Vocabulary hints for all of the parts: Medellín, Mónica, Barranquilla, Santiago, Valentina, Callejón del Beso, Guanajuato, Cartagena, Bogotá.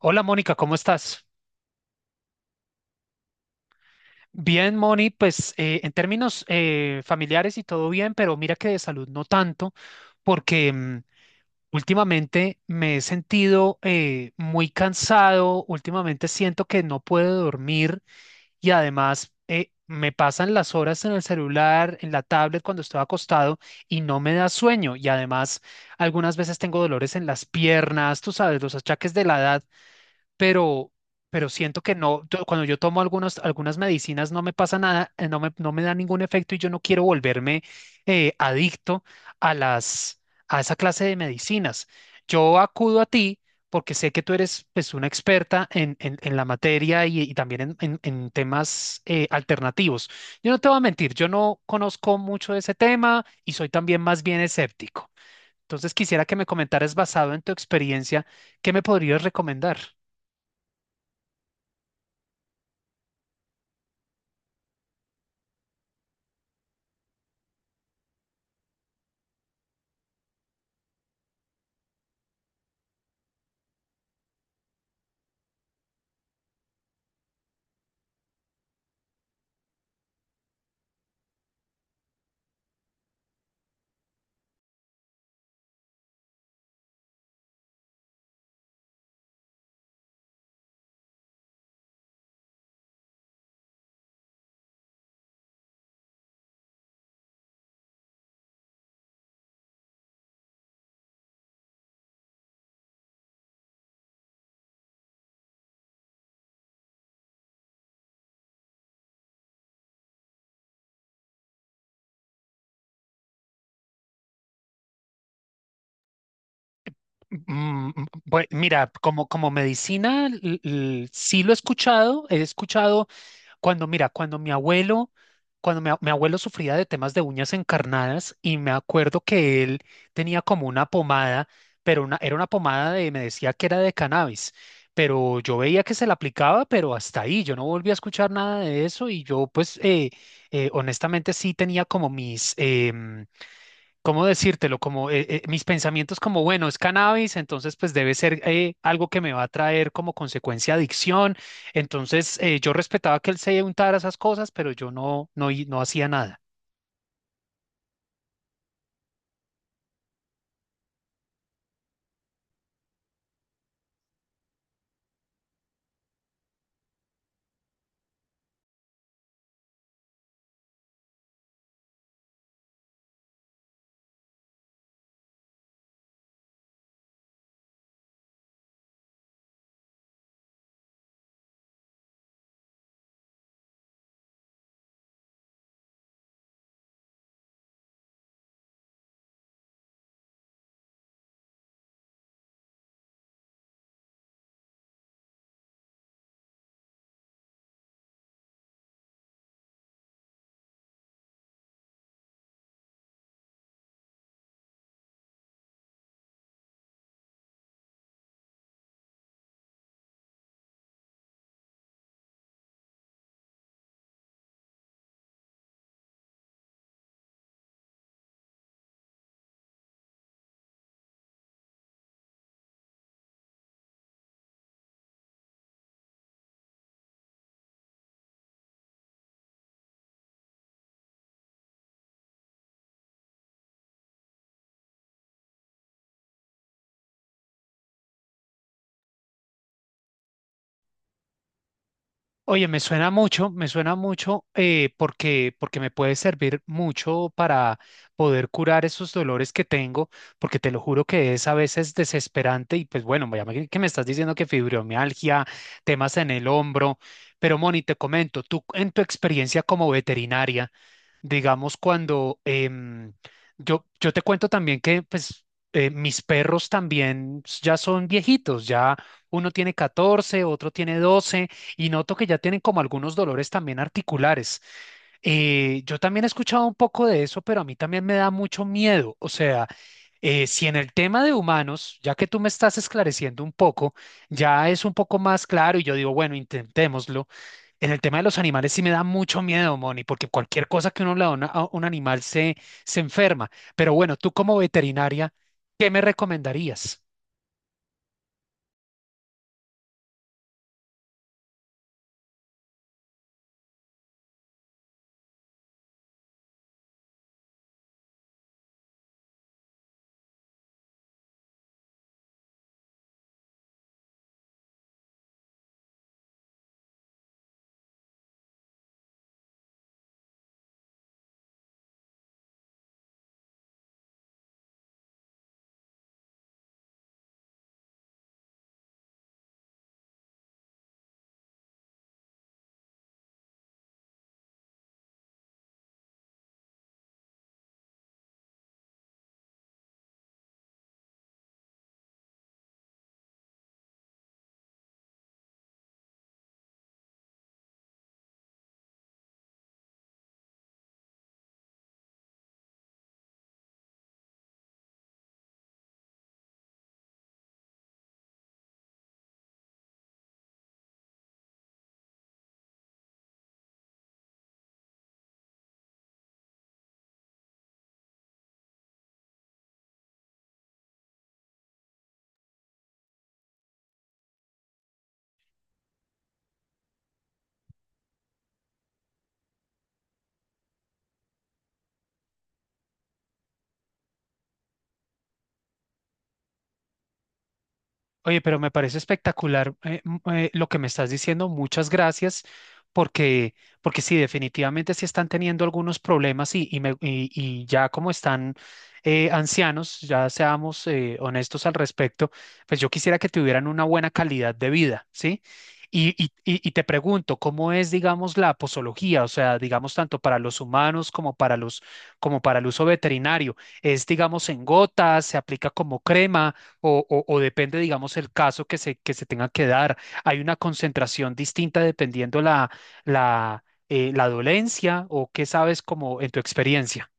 Hola Mónica, ¿cómo estás? Bien, Moni, pues en términos familiares y todo bien, pero mira que de salud no tanto, porque últimamente me he sentido muy cansado. Últimamente siento que no puedo dormir y además me pasan las horas en el celular, en la tablet cuando estoy acostado y no me da sueño. Y además algunas veces tengo dolores en las piernas, tú sabes, los achaques de la edad, pero, pero siento que no, cuando yo tomo algunas medicinas no me pasa nada, no me da ningún efecto y yo no quiero volverme adicto a a esa clase de medicinas. Yo acudo a ti porque sé que tú eres pues una experta en la materia y también en temas alternativos. Yo no te voy a mentir, yo no conozco mucho de ese tema y soy también más bien escéptico. Entonces quisiera que me comentaras basado en tu experiencia, ¿qué me podrías recomendar? Mm. Mira, como medicina, sí lo he escuchado cuando, mira, cuando mi abuelo, cuando mi abuelo sufría de temas de uñas encarnadas y me acuerdo que él tenía como una pomada, pero una, era una pomada de, me decía que era de cannabis, pero yo veía que se la aplicaba, pero hasta ahí, yo no volví a escuchar nada de eso. Y yo pues honestamente sí tenía como mis... ¿cómo decírtelo? Como mis pensamientos como, bueno, es cannabis, entonces pues debe ser algo que me va a traer como consecuencia adicción. Entonces yo respetaba que él se untara esas cosas, pero yo no, no, no hacía nada. Oye, me suena mucho porque, porque me puede servir mucho para poder curar esos dolores que tengo, porque te lo juro que es a veces desesperante. Y pues bueno, que me estás diciendo que fibromialgia, temas en el hombro, pero Moni, te comento, tú en tu experiencia como veterinaria, digamos, cuando yo te cuento también que pues, mis perros también ya son viejitos. Ya uno tiene 14, otro tiene 12 y noto que ya tienen como algunos dolores también articulares. Yo también he escuchado un poco de eso, pero a mí también me da mucho miedo. O sea, si en el tema de humanos, ya que tú me estás esclareciendo un poco, ya es un poco más claro y yo digo, bueno, intentémoslo. En el tema de los animales sí me da mucho miedo, Moni, porque cualquier cosa que uno le da a a un animal se, se enferma. Pero bueno, tú como veterinaria, ¿qué me recomendarías? Oye, pero me parece espectacular lo que me estás diciendo. Muchas gracias, porque, porque sí, definitivamente sí están teniendo algunos problemas, y ya como están ancianos, ya seamos honestos al respecto, pues yo quisiera que tuvieran una buena calidad de vida, ¿sí? Y te pregunto, ¿cómo es, digamos, la posología? O sea, digamos, tanto para los humanos como para como para el uso veterinario. ¿Es, digamos, en gotas? ¿Se aplica como crema? O, o depende, digamos, el caso que que se tenga que dar. Hay una concentración distinta dependiendo la dolencia, o qué sabes como en tu experiencia.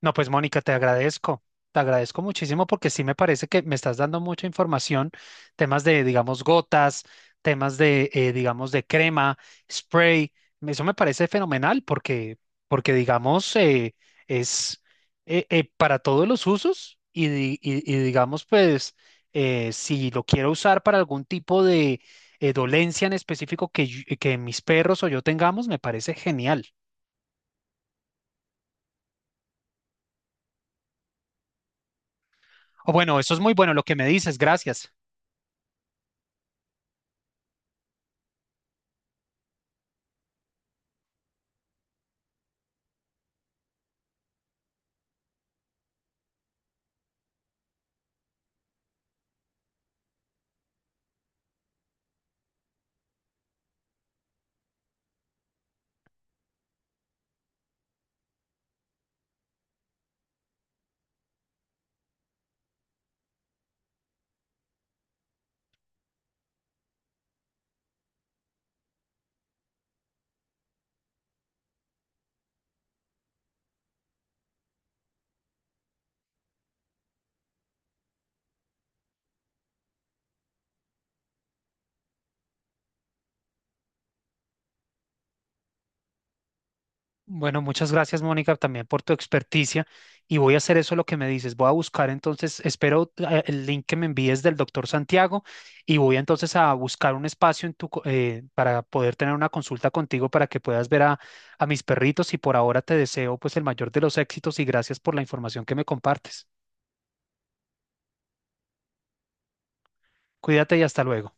No, pues Mónica, te agradezco. Te agradezco muchísimo, porque sí me parece que me estás dando mucha información, temas de, digamos, gotas, temas de, digamos, de crema, spray. Eso me parece fenomenal, porque, porque digamos, es para todos los usos. Y digamos, pues, si lo quiero usar para algún tipo de dolencia en específico que, que mis perros o yo tengamos, me parece genial. O bueno, eso es muy bueno lo que me dices. Gracias. Bueno, muchas gracias, Mónica, también por tu experticia. Y voy a hacer eso lo que me dices. Voy a buscar entonces, espero el link que me envíes del doctor Santiago. Y voy entonces a buscar un espacio en para poder tener una consulta contigo para que puedas ver a mis perritos. Y por ahora te deseo pues el mayor de los éxitos y gracias por la información que me compartes. Cuídate y hasta luego.